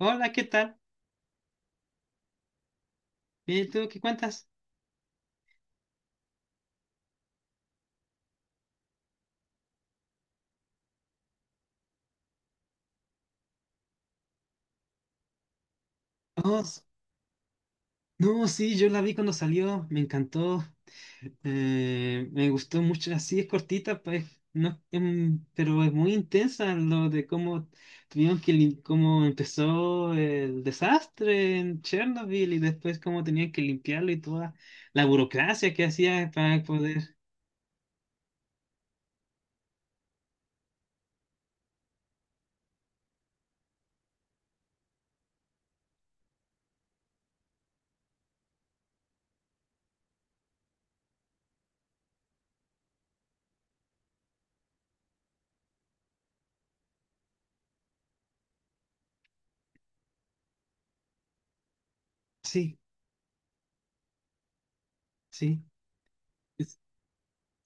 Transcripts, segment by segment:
Hola, ¿qué tal? Bien, ¿tú qué cuentas? Oh, s- no, sí, yo la vi cuando salió, me encantó, me gustó mucho, así es cortita, pues, no, pero es muy intensa lo de cómo cómo empezó el desastre en Chernobyl y después cómo tenían que limpiarlo y toda la burocracia que hacía para poder, sí, sí.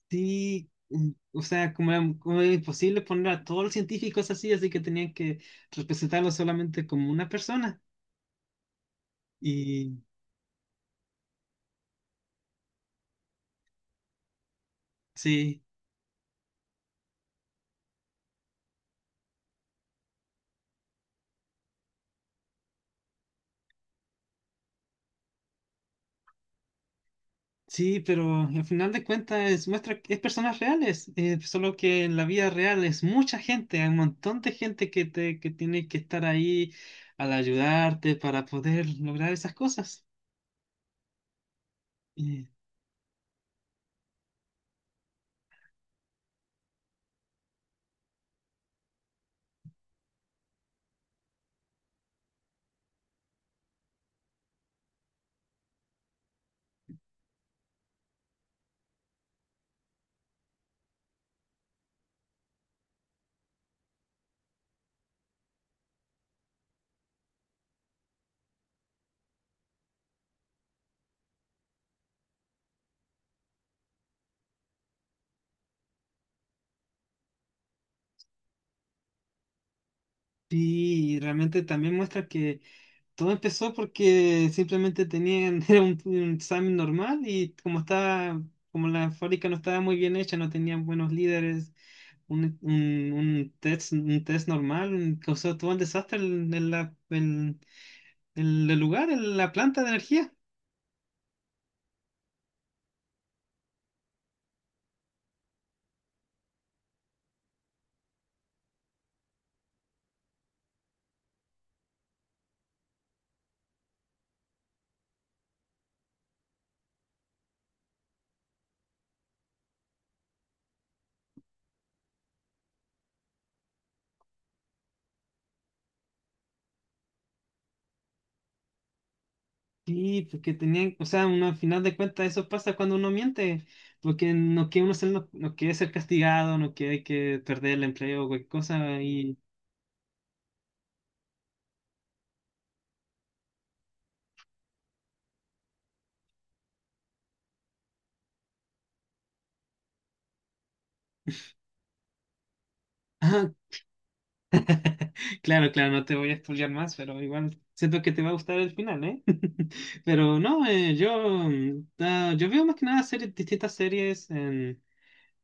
Sí, mm, o sea, como era imposible poner a todos los científicos así que tenían que representarlo solamente como una persona. Y sí, sí, pero al final de cuentas muestra, que es personas reales, solo que en la vida real es mucha gente, hay un montón de gente que tiene que estar ahí al ayudarte para poder lograr esas cosas. Y, y realmente también muestra que todo empezó porque simplemente tenían era un examen normal y como estaba, como la fábrica no estaba muy bien hecha, no tenían buenos líderes, un test normal, causó todo un desastre en el lugar, en la planta de energía. Sí, porque tenían, o sea, uno, al final de cuentas eso pasa cuando uno miente, porque no quiere uno no, no quiere ser castigado, no quiere que perder el empleo o cualquier cosa y... Claro, claro, no te voy a spoilear más, pero igual siento que te va a gustar el final, ¿eh? Pero no, yo, mm, ah, yo veo más que nada series, distintas series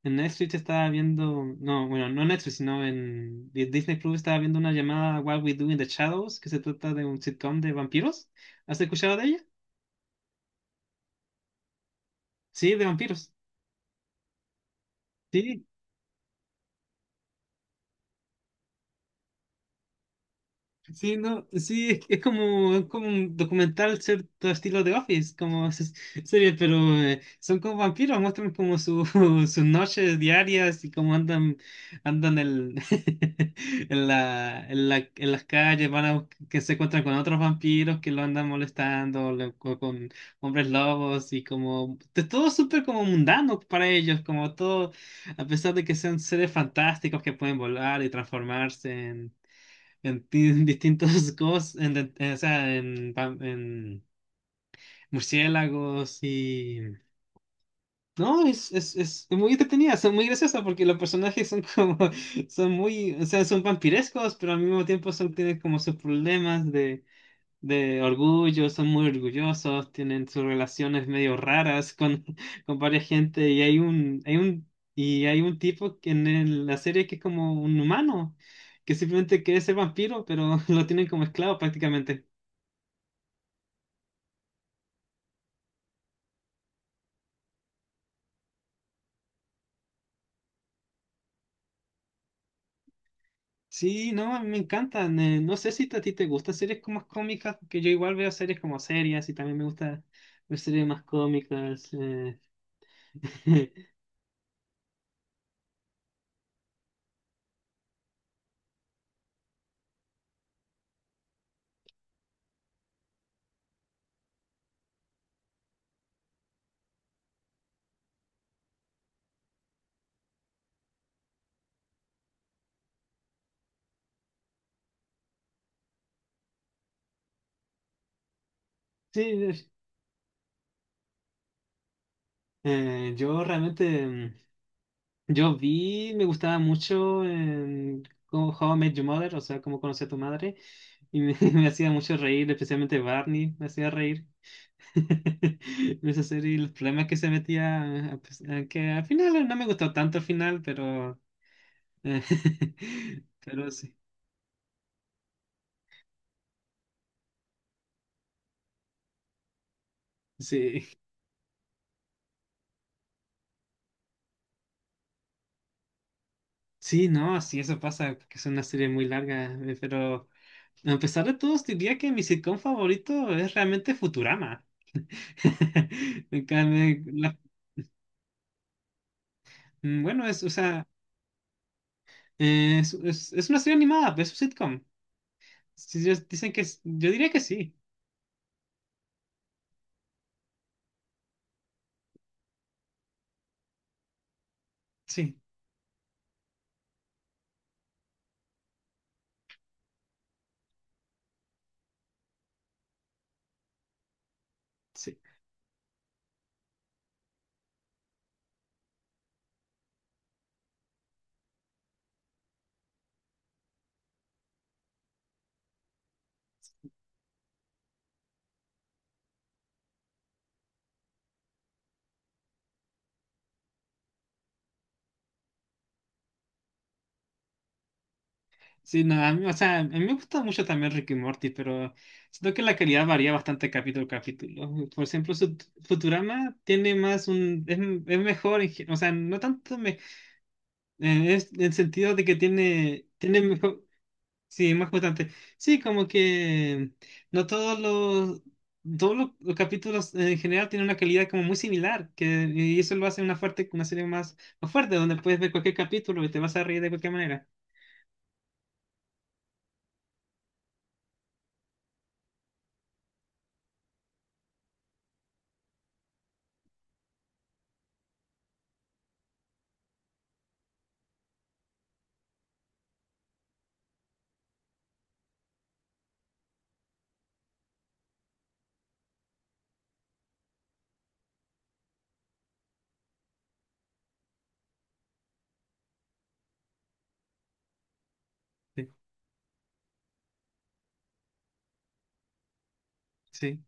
en Netflix estaba viendo, no, bueno, no Netflix, sino en Disney Plus estaba viendo una llamada What We Do in the Shadows, que se trata de un sitcom de vampiros. ¿Has escuchado de ella? Sí, de vampiros. Sí, Sí, no, sí, es como un documental, cierto estilo de Office, como serie, pero son como vampiros, muestran como su, sus noches diarias y cómo andan en las calles, que se encuentran con otros vampiros que lo andan molestando, hombres lobos y como, de todo súper como mundano para ellos, como todo, a pesar de que sean seres fantásticos que pueden volar y transformarse en distintos cosas, o sea, en murciélagos y... No, es muy entretenida, son muy graciosas porque los personajes son como, son muy, o sea, son vampirescos, pero al mismo tiempo son, tienen como sus problemas de orgullo, son muy orgullosos, tienen sus relaciones medio raras con, con varias gente y y hay un tipo que en la serie que es como un humano, que simplemente quiere ser vampiro, pero lo tienen como esclavo prácticamente. Sí, no, a mí me encantan. No sé si a ti te gustan series como más cómicas, porque yo igual veo series como serias y también me gusta ver series más cómicas. Eh. Sí, yo realmente... mm, yo vi, me gustaba mucho en cómo How I Met Your Mother, o sea, cómo conocí a tu madre, y me hacía mucho reír, especialmente Barney, me hacía reír. En esa serie, y los problemas que se metía, a que al final no me gustó tanto al final, pero, eh, pero sí, sí, sí, no, sí, eso pasa, porque es una serie muy larga, pero a pesar de todo, diría que mi sitcom favorito es realmente Futurama. En cambio, mm, bueno, o sea, es una serie animada, es un sitcom. Si ellos dicen que yo diría que sí, sí, sí. Sí, no, a mí, o sea, a mí me gusta mucho también Rick y Morty, pero siento que la calidad varía bastante capítulo a capítulo. Por ejemplo, su Futurama tiene más es mejor, o sea, no tanto me, es en sentido de que tiene mejor, sí, más constante. Sí, como que no todos los, todos los capítulos en general tienen una calidad como muy similar, que, y eso lo hace una fuerte, una serie más, más fuerte, donde puedes ver cualquier capítulo y te vas a reír de cualquier manera. Sí, sí.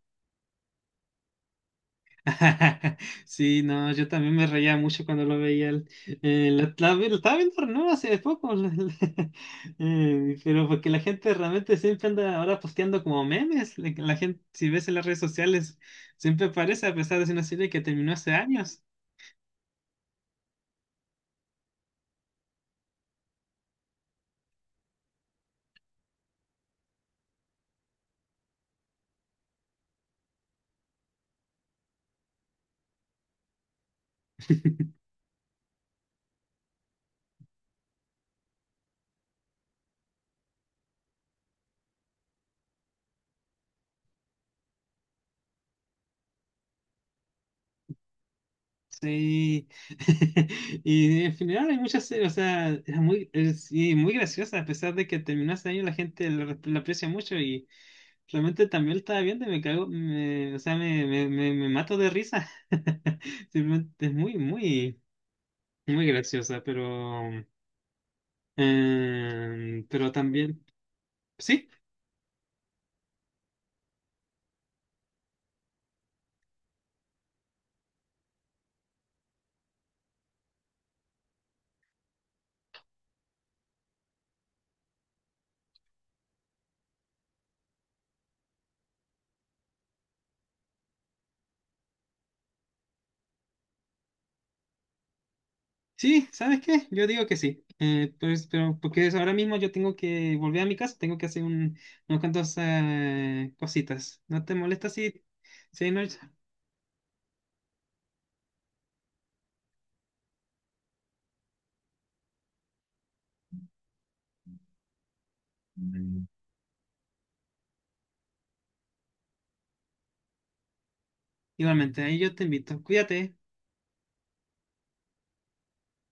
Sí, no, yo también me reía mucho cuando lo veía. Lo estaba viendo no hace poco, pero porque la gente realmente siempre anda ahora posteando como memes. La gente, si ves en las redes sociales, siempre aparece a pesar de ser una serie que terminó hace años. Sí, y en general hay muchas series, o sea, es muy, y muy graciosa, a pesar de que terminó hace años, la gente la aprecia mucho y realmente también la estaba viendo y me cago, o sea, me mato de risa. Simplemente es muy, muy, muy graciosa, pero, pero también, sí. Sí, ¿sabes qué? Yo digo que sí. Pues, pero porque ahora mismo yo tengo que volver a mi casa, tengo que hacer unas cuantos cositas. ¿No te molesta si, si no? Igualmente, ahí yo te invito. Cuídate.